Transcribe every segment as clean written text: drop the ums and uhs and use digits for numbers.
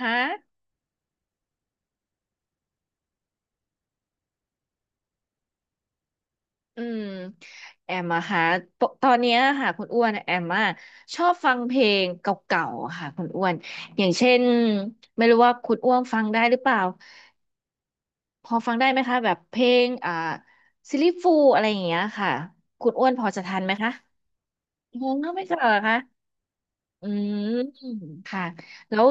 ฮะอืมแอมอะค่ะปกตอนเนี้ยค่ะคุณอ้วนแอมอะชอบฟังเพลงเก่าๆอะค่ะคุณอ้วน อย่างเช่นไม่รู้ว่าคุณอ้วนฟังได้หรือเปล่าพอฟังได้ไหมคะแบบเพลงซิลลี่ฟูลอะไรอย่างเงี้ยค่ะคุณอ้วนพอจะทันไหมคะงงก็ไม่เจอเหรอคะอืม แล้ว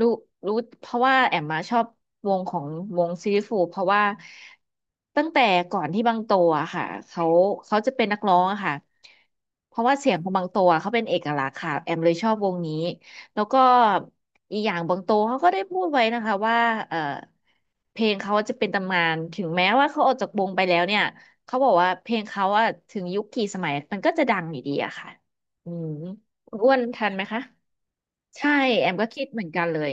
รู้รู้เพราะว่าแอมมาชอบวงของวงซีรีสฟูเพราะว่าตั้งแต่ก่อนที่บางโตอะค่ะเขาจะเป็นนักร้องอะค่ะเพราะว่าเสียงของบางโตอะเขาเป็นเอกลักษณ์ค่ะแอมเลยชอบวงนี้แล้วก็อีกอย่างบางโตเขาก็ได้พูดไว้นะคะว่าเออเพลงเขาจะเป็นตำนานถึงแม้ว่าเขาออกจากวงไปแล้วเนี่ยเขาบอกว่าเพลงเขาอะถึงยุคกี่สมัยมันก็จะดังอยู่ดีอะค่ะอืมคุณอ้วนทันไหมคะ ใช่แอมก็คิดเหมือนกันเลย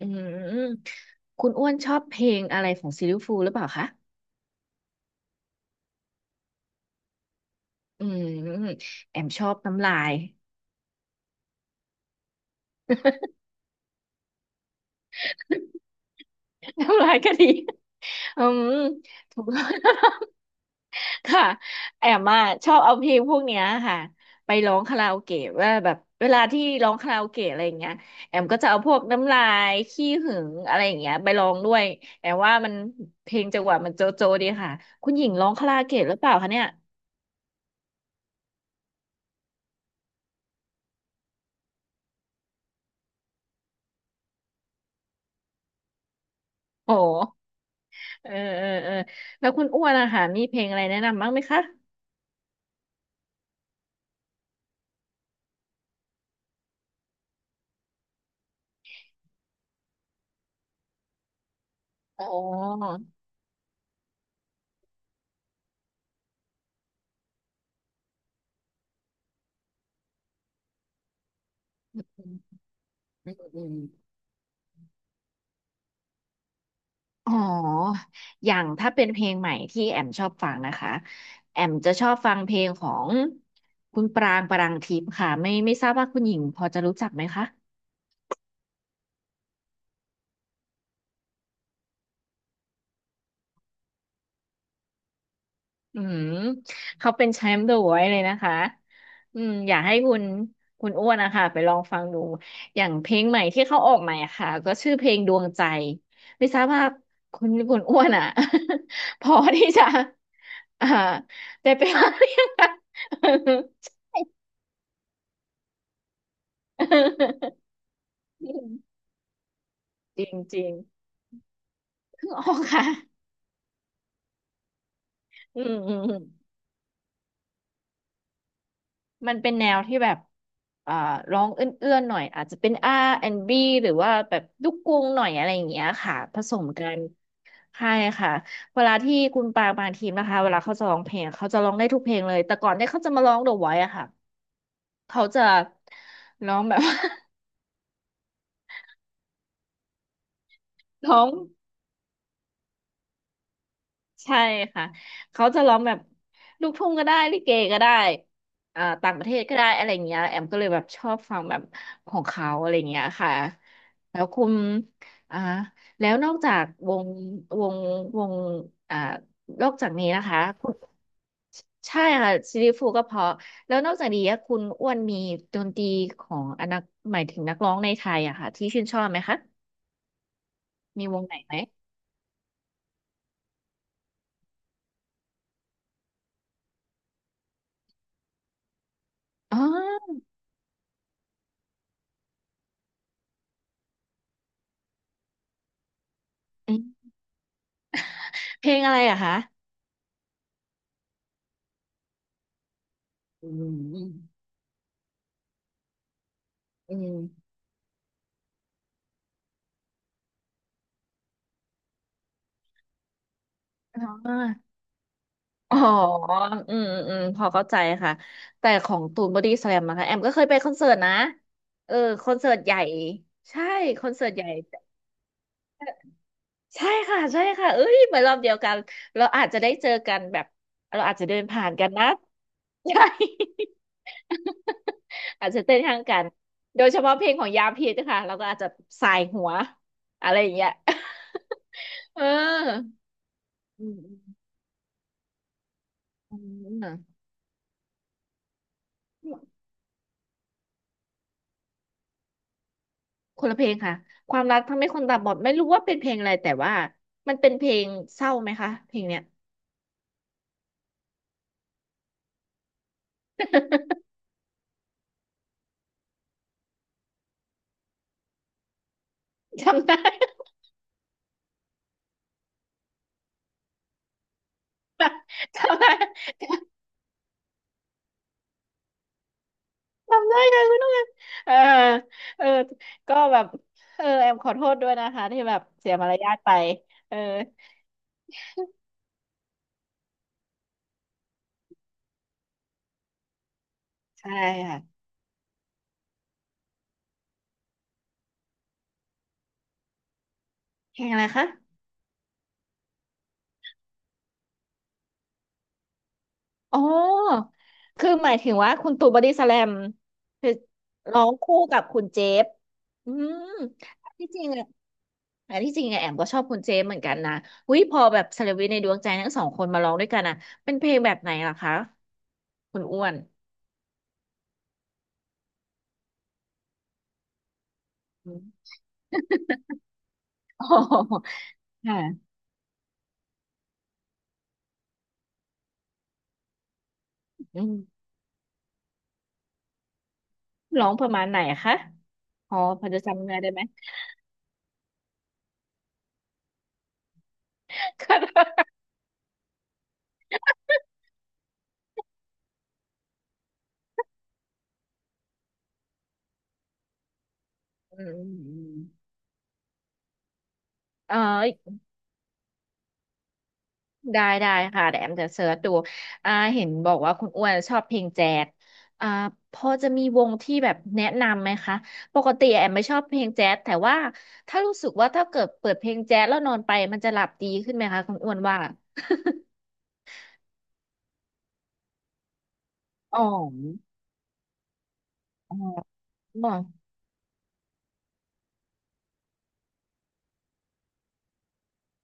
อืมคุณอ้วนชอบเพลงอะไรของซิลลิฟูลหรือเปล่าคะอืมแอมชอบน้ำลาย น้ำลายก็ดีอืมถูก ค่ะแอมอ่ะชอบเอาเพลงพวกเนี้ยค่ะไปร้องคาราโอเกะว่าแบบเวลาที่ร้องคาราโอเกะอะไรอย่างเงี้ยแอมก็จะเอาพวกน้ำลายขี้หึงอะไรอย่างเงี้ยไปร้องด้วยแอมว่ามันเพลงจังหวะมันโจโจดีค่ะคุณหญิงร้องคาราโอเกะหรือเปล่าคะเนี่ยโอ้ เออเออเออแล้วคุณอ้วนอะค่ะมีเพลงอะไรแนะนำบ้างไหมคะอ๋ออืมอืมอ๋ออย่างถ้าเป็นเพลงใหม่ที่แอมชอบฟังนะคะแอมจะชอบฟังเพลงของคุณปรางปรังทิพย์ค่ะไม่ทราบว่าคุณหญิงพอจะรู้จักไหมคะ อืมเขาเป็นแชมป์เดอะไว้์เลยนะคะอืมอยากให้คุณอ้วนนะคะไปลองฟังดูอย่างเพลงใหม่ที่เขาออกใหม่อะค่ะก็ชื่อเพลงดวงใจไม่ทราบว่าคุณอ้วนอ่ะ พอที่จะอ่าได้ไปฟังหรือยังคะ จริงจริงเพิ่งออกค่ะอืมอืม มันเป็นแนวที่แบบ อ่า ร้องเอื้อนๆหน่อยอาจจะเป็น R&B หรือว่าแบบลูกกรุงหน่อยอะไรอย่างเงี้ยค่ะ ผสมกันใช่ค่ะ เวลาที่คุณปางปางทีมนะคะเวลาเขาจะร้องเพลงเขาจะร้องได้ทุกเพลงเลย แต่ก่อนเนี่ยเขาจะมาร้อง The Voice อะค่ะ เขาจะร้องแบบ ร้อง ใช่ค่ะเขาจะร้องแบบลูกทุ่งก็ได้ลิเกก็ได้ต่างประเทศก็ได้อะไรเงี้ยแอมก็เลยแบบชอบฟังแบบของเขาอะไรเงี้ยค่ะแล้วคุณอ่าแล้วนอกจากวงวงอ่านอกจากนี้นะคะคุณใช่ค่ะซีรีส์ฟูก็เพราะแล้วนอกจากนี้อะคุณอ้วนมีดนตรีของอนักหมายถึงนักร้องในไทยอะค่ะที่ชื่นชอบไหมคะมีวงไหนไหมอ๋ออืมเพลงอะไรอะคะอืม อืมอ๋ออ๋ออืม อืมพอเข้าใจค่ะ แต่ของตูนบอดี้สแลมนะคะแอมก็เคยไปคอนเสิร์ตนะเออคอนเสิร์ตใหญ่ใช่คอนเสิร์ตใหญ่ใช่ค่ะใช่ค่ะเอ้ยเหมือนรอบเดียวกันเราอาจจะได้เจอกันแบบเราอาจจะเดินผ่านกันนะ ใช่อาจจะเต้นข้างกันโดยเฉพาะเพลงของยาพิษนะคะเราก็อาจจะสายหัวอะไรอย่างเงี้ย เอออืมอืมอืม คนละเพลงค่ะความรักทำให้คนตาบอดไม่รู้ว่าเป็นเพลงอะไรแต่ว่ามันเป็นเพลงเศร้าไหมคะเพลงเนี้ย จำได้จำได้จำได้ค่ะคุณนุ่นเออเออก็แบบแอมขอโทษด้วยนะคะที่แบบเสียมารยาทไปเออใช่ค่ะเพลงอะไรคะอ๋อคือหมายถึงว่าคุณตู่บอดี้สแลมคือร้องคู่กับคุณเจฟอืมที่จริงอะ แต่ที่จริงอะแอมก็ชอบคุณเจมส์เหมือนกันนะอุ้ยพอแบบเซเลบริตในดวงใจทั้งสองคนมาร้องด้วยกันนะเป็นเพลงแบบไหนล่ะคะคุณอ้วน อืมโอ๋อค่ะอืมร้องประมาณไหนอะคะอ๋อพอจะจำเนื้อได้ไหม ค่ะอืมอืม อืมเออ ได้ได้ค่ะเดี๋ยวแอมจะเสิร์ชดูเห็นบอกว่าคุณอ้วนชอบเพลงแจ๊สอ่าพอจะมีวงที่แบบแนะนำไหมคะ ปกติแอมไม่ชอบเพลงแจ๊สแต่ว่าถ้ารู้สึกว่าถ้าเกิดเปิดเพลงแจ๊สแล้วนอนไปมันจะหลับดีขึ้นไหมคะคุณอ้วนว่าอ๋ออ๋ออ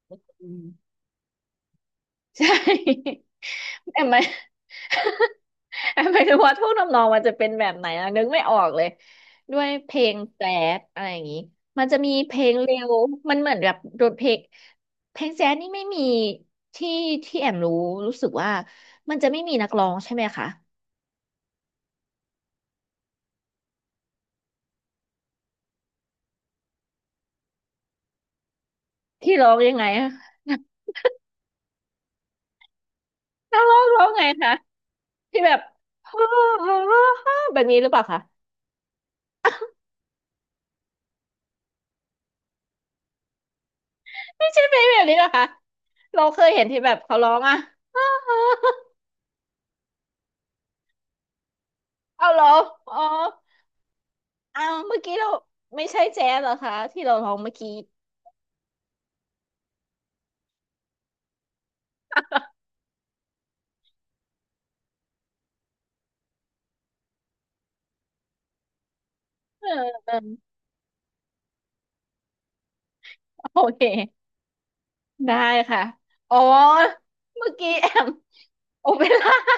ออืม ใช่ แอมไม่ หมายถึงว่าท่วงทำนองมันจะเป็นแบบไหนอะนึกไม่ออกเลยด้วยเพลงแจ๊สอะไรอย่างนี้มันจะมีเพลงเร็วมันเหมือนแบบโดนเพลงแจ๊สนี่ไม่มีที่ที่แอมรู้สึกว่ามันจะไม่มีนักร้องใช่ไหมคะที่ร้องยังไงอะนักร้องร้องไงคะที่แบบ แบบนี้หรือเปล่าคะไม่ใช่เพลงแบบนี้นะคะเราเคยเห็นที่แบบเขาร้องอะ เอาเหรออ๋อ อ้าวเมื่อกี้เราไม่ใช่แจ๊สเหรอคะที่เราร้องเมื่อกี้เออเออโอเคได้ค่ะอ๋อเมื่อกี้แอมโอเปร่า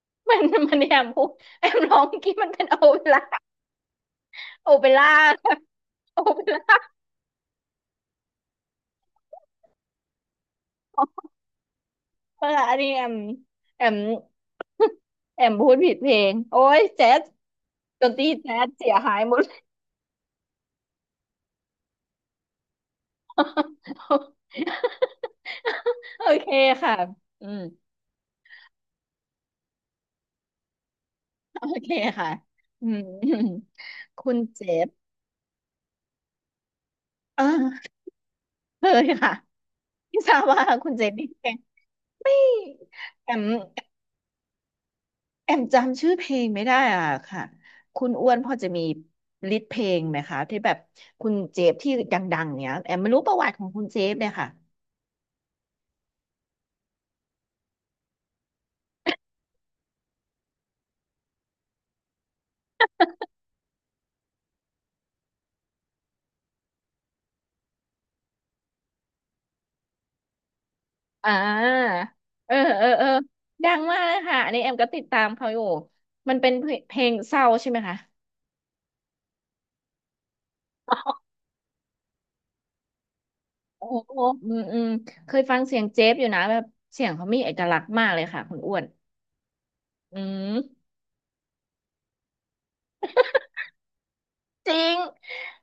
มันมันแอมพูดแอมร้องเมื่อกี้มันเป็นโอเปร่าโอเปร่าค่ะโอเปร่าเอเอันนี้แอมแอมพูดผิดเพลงโอ้ยแจ๊สดนตรีแจ๊สเสียหายหมด โอเคค่ะอืม โอเคค่ะอืมคุณเจฟเออเคยค่ะที่ทราบว่าคุณเจฟนี่เพลงแอมแอมจำชื่อเพลงไม่ได้อ่ะค่ะคุณอ้วนพอจะมีลิสต์เพลงไหมคะที่แบบคุณเจฟที่ดังๆเนี้ยแอมไม่รู้ประวัติของคุณเจฟเลยค่ะอ่าเออเออเออดังมากเลยค่ะอันนี้แอมก็ติดตามเขาอยู่ มันเป็นเพลงเศร้าใช่ไหมคะโอ้โหอืมอืมเคยฟังเสียงเจฟอยู่นะแบบเสียงเขามีเอกลักษณ์มากเลยค่ะคุณอ้วน อืมจริง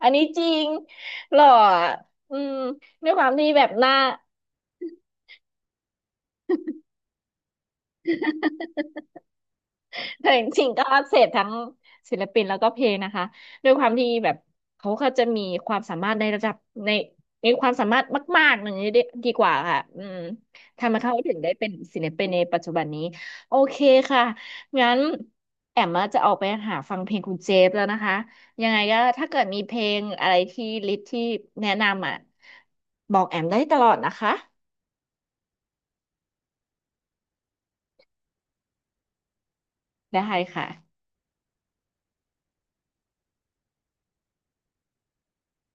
อันนี้จริงหล่ออ่ะอืมด้วยความที่แบบหน้า แต่จริงๆก็เสพทั้งศิลปินแล้วก็เพลงนะคะด้วยความที่แบบเขาก็จะมีความสามารถในระดับในมีความสามารถมากๆหนึ่างนี้ดีกว่าค่ะอืมทำให้เขาถึงได้เป็นศิลปินในปัจจุบันนี้โอเคค่ะงั้นแอมมาจะออกไปหาฟังเพลงคุณเจฟแล้วนะคะยังไงก็ถ้าเกิดมีเพลงอะไรที่ลิสต์ที่แนะนำอ่ะบอกแอมได้ตลอดนะคะได้ค่ะ